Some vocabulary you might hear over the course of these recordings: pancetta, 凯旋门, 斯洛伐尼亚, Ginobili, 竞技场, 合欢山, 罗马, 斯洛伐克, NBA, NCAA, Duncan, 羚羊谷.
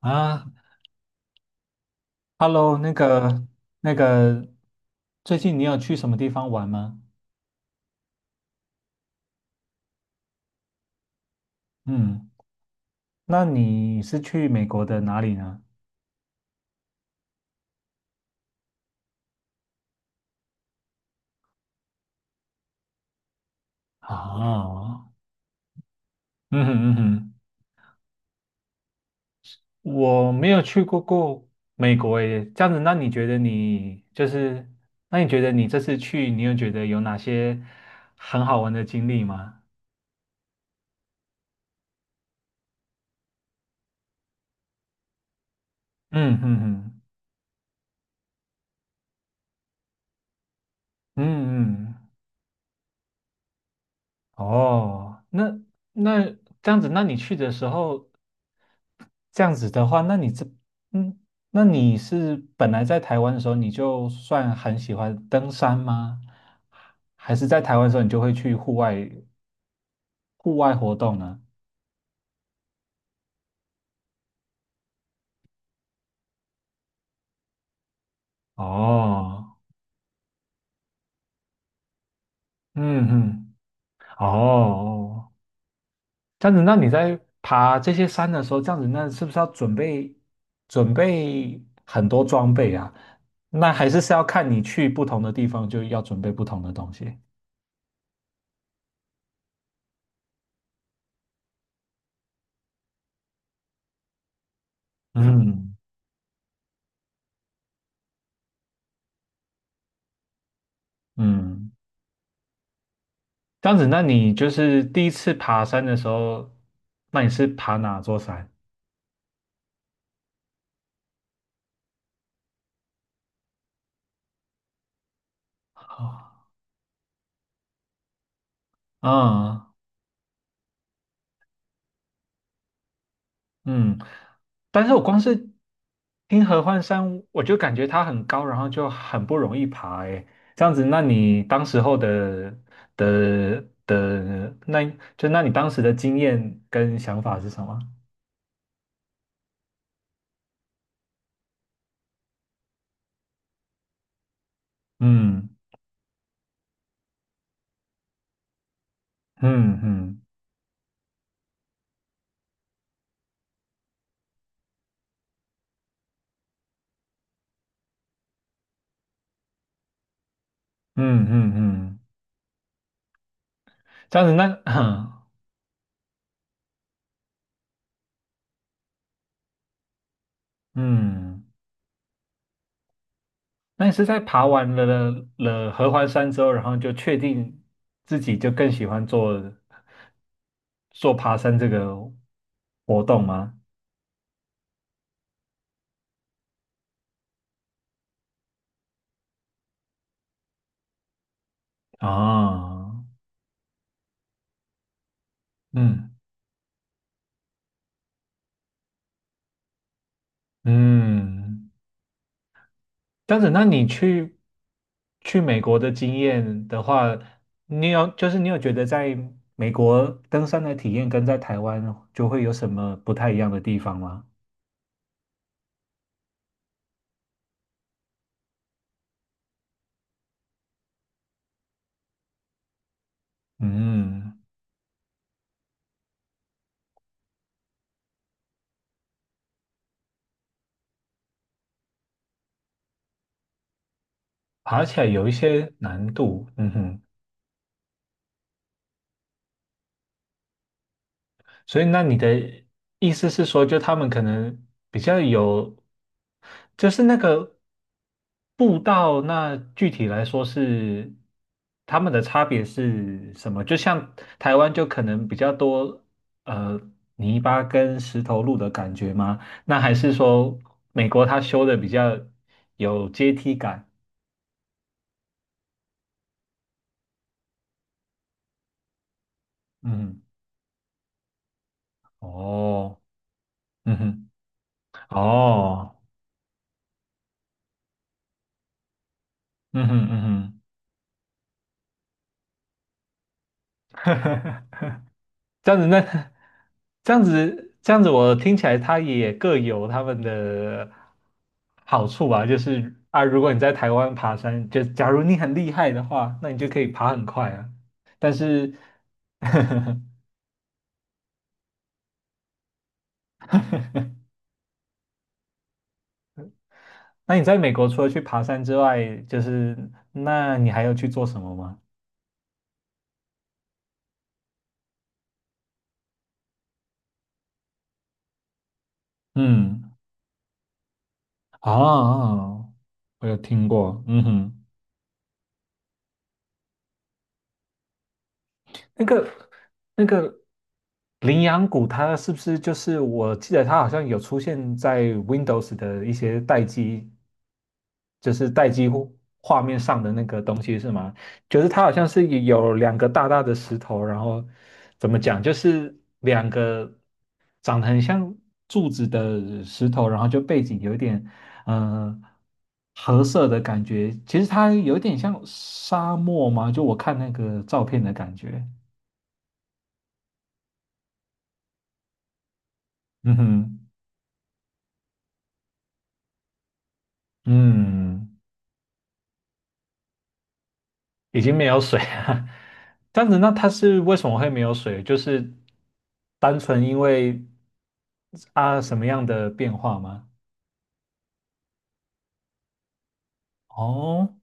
啊，Hello,那个，最近你有去什么地方玩吗？嗯，那你是去美国的哪里呢？啊，嗯哼嗯哼，我没有去过美国耶。这样子，那你觉得你这次去，你有觉得有哪些很好玩的经历吗？嗯嗯嗯嗯。哦，那这样子，那你去的时候。这样子的话，那你这，嗯，那你是本来在台湾的时候，你就算很喜欢登山吗？还是在台湾的时候，你就会去户外活动呢？哦，嗯嗯，哦，这样子，那你在爬这些山的时候，这样子，那是不是要准备很多装备啊？那还是是要看你去不同的地方，就要准备不同的东西。嗯嗯。这样子，那你就是第一次爬山的时候，那你是爬哪座山？啊、嗯嗯，但是我光是听合欢山，我就感觉它很高，然后就很不容易爬。诶，这样子，的的，那那你当时的经验跟想法是什么？嗯嗯嗯嗯嗯嗯，这样子那 嗯。那你是在爬完了合欢山之后，然后就确定自己就更喜欢做爬山这个活动吗？啊，嗯嗯，这样子，那你去美国的经验的话，你有觉得在美国登山的体验跟在台湾就会有什么不太一样的地方吗？嗯，爬起来有一些难度，嗯哼。所以，那你的意思是说，就他们可能比较有，就是那个步道，那具体来说是他们的差别是什么？就像台湾就可能比较多呃泥巴跟石头路的感觉吗？那还是说美国它修的比较有阶梯感？嗯，哦，嗯哼，哦，嗯哼，嗯哼。这样子那 这样子,我听起来它也各有他们的好处吧。就是啊，如果你在台湾爬山，就假如你很厉害的话，那你就可以爬很快啊。但是，那你在美国除了去爬山之外，就是那你还要去做什么吗？嗯，啊，哦哦我有听过，嗯哼。那个那个羚羊谷，它是不是就是我记得它好像有出现在 Windows 的一些待机，就是待机户画面上的那个东西是吗？就是它好像是有两个大大的石头，然后怎么讲，就是两个长得很像柱子的石头，然后就背景有一点嗯、呃褐色的感觉，其实它有点像沙漠嘛，就我看那个照片的感觉，嗯哼。嗯，已经没有水了。这样子，那它是为什么会没有水？就是单纯因为啊什么样的变化吗？哦，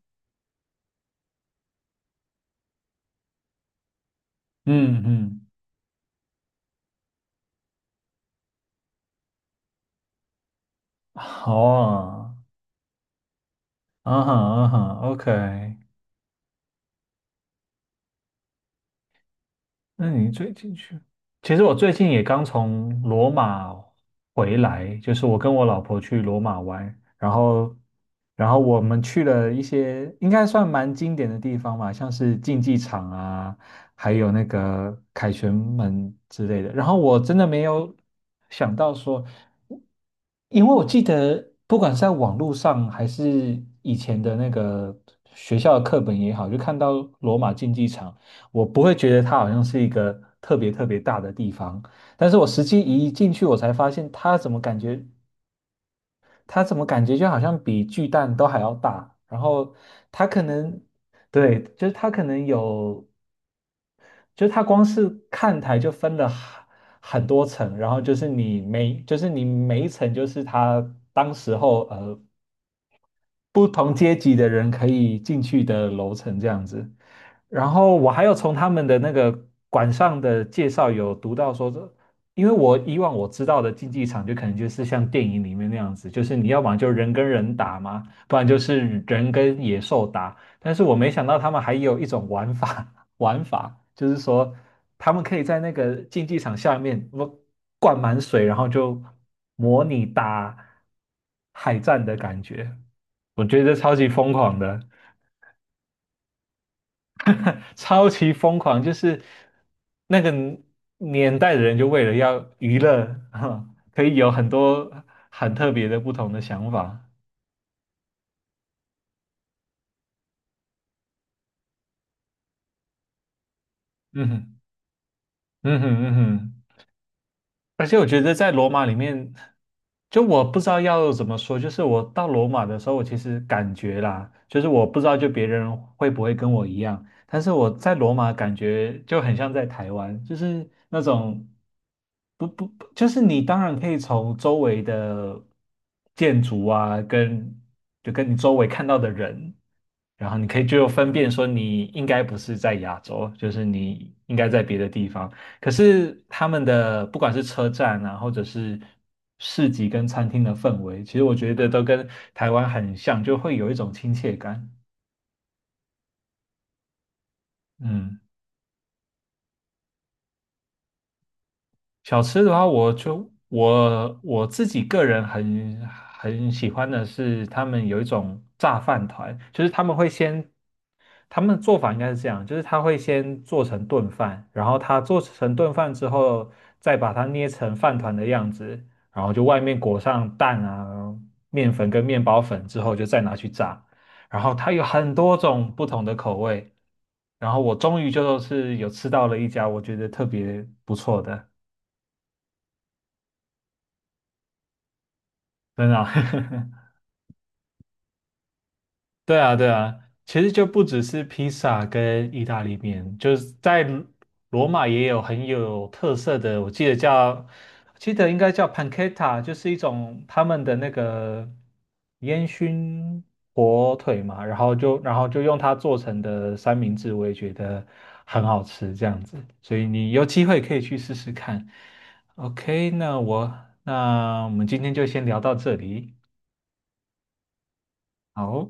嗯嗯，好啊，嗯哼嗯哼，OK。那你最近去？其实我最近也刚从罗马回来，就是我跟我老婆去罗马玩，然后，然后我们去了一些应该算蛮经典的地方吧，像是竞技场啊，还有那个凯旋门之类的。然后我真的没有想到说，因为我记得不管是在网络上还是以前的那个学校的课本也好，就看到罗马竞技场。我不会觉得它好像是一个特别特别大的地方，但是我实际一进去，我才发现它怎么感觉，它怎么感觉就好像比巨蛋都还要大，然后它可能，对，就是它可能有，就是它光是看台就分了很多层，然后就是你每，就是你每一层就是它当时候不同阶级的人可以进去的楼层这样子。然后我还有从他们的那个馆上的介绍有读到说，这因为我以往我知道的竞技场就可能就是像电影里面那样子，就是你要么就人跟人打嘛，不然就是人跟野兽打。但是我没想到他们还有一种玩法，玩法就是说他们可以在那个竞技场下面不灌满水，然后就模拟打海战的感觉。我觉得超级疯狂的，超级疯狂，就是那个年代的人就为了要娱乐，可以有很多很特别的不同的想法。嗯哼，嗯哼，嗯哼。而且我觉得在罗马里面，就我不知道要怎么说，就是我到罗马的时候，我其实感觉啦，就是我不知道就别人会不会跟我一样，但是我在罗马感觉就很像在台湾，就是那种不不，不就是你当然可以从周围的建筑啊，跟你周围看到的人，然后你可以就分辨说你应该不是在亚洲，就是你应该在别的地方。可是他们的不管是车站啊，或者是市集跟餐厅的氛围，其实我觉得都跟台湾很像，就会有一种亲切感。嗯。小吃的话，我就我我自己个人很喜欢的是，他们有一种炸饭团，他们做法应该是这样，就是他会先做成炖饭，然后他做成炖饭之后，再把它捏成饭团的样子，然后就外面裹上蛋啊、面粉跟面包粉之后，就再拿去炸，然后它有很多种不同的口味，然后我终于就是有吃到了一家我觉得特别不错的。真的啊 对啊，对啊，其实就不只是披萨跟意大利面，就是在罗马也有很有特色的，我记得叫，记得应该叫 pancetta,就是一种他们的那个烟熏火腿嘛，然后就用它做成的三明治，我也觉得很好吃，这样子，所以你有机会可以去试试看。OK,那我们今天就先聊到这里，好。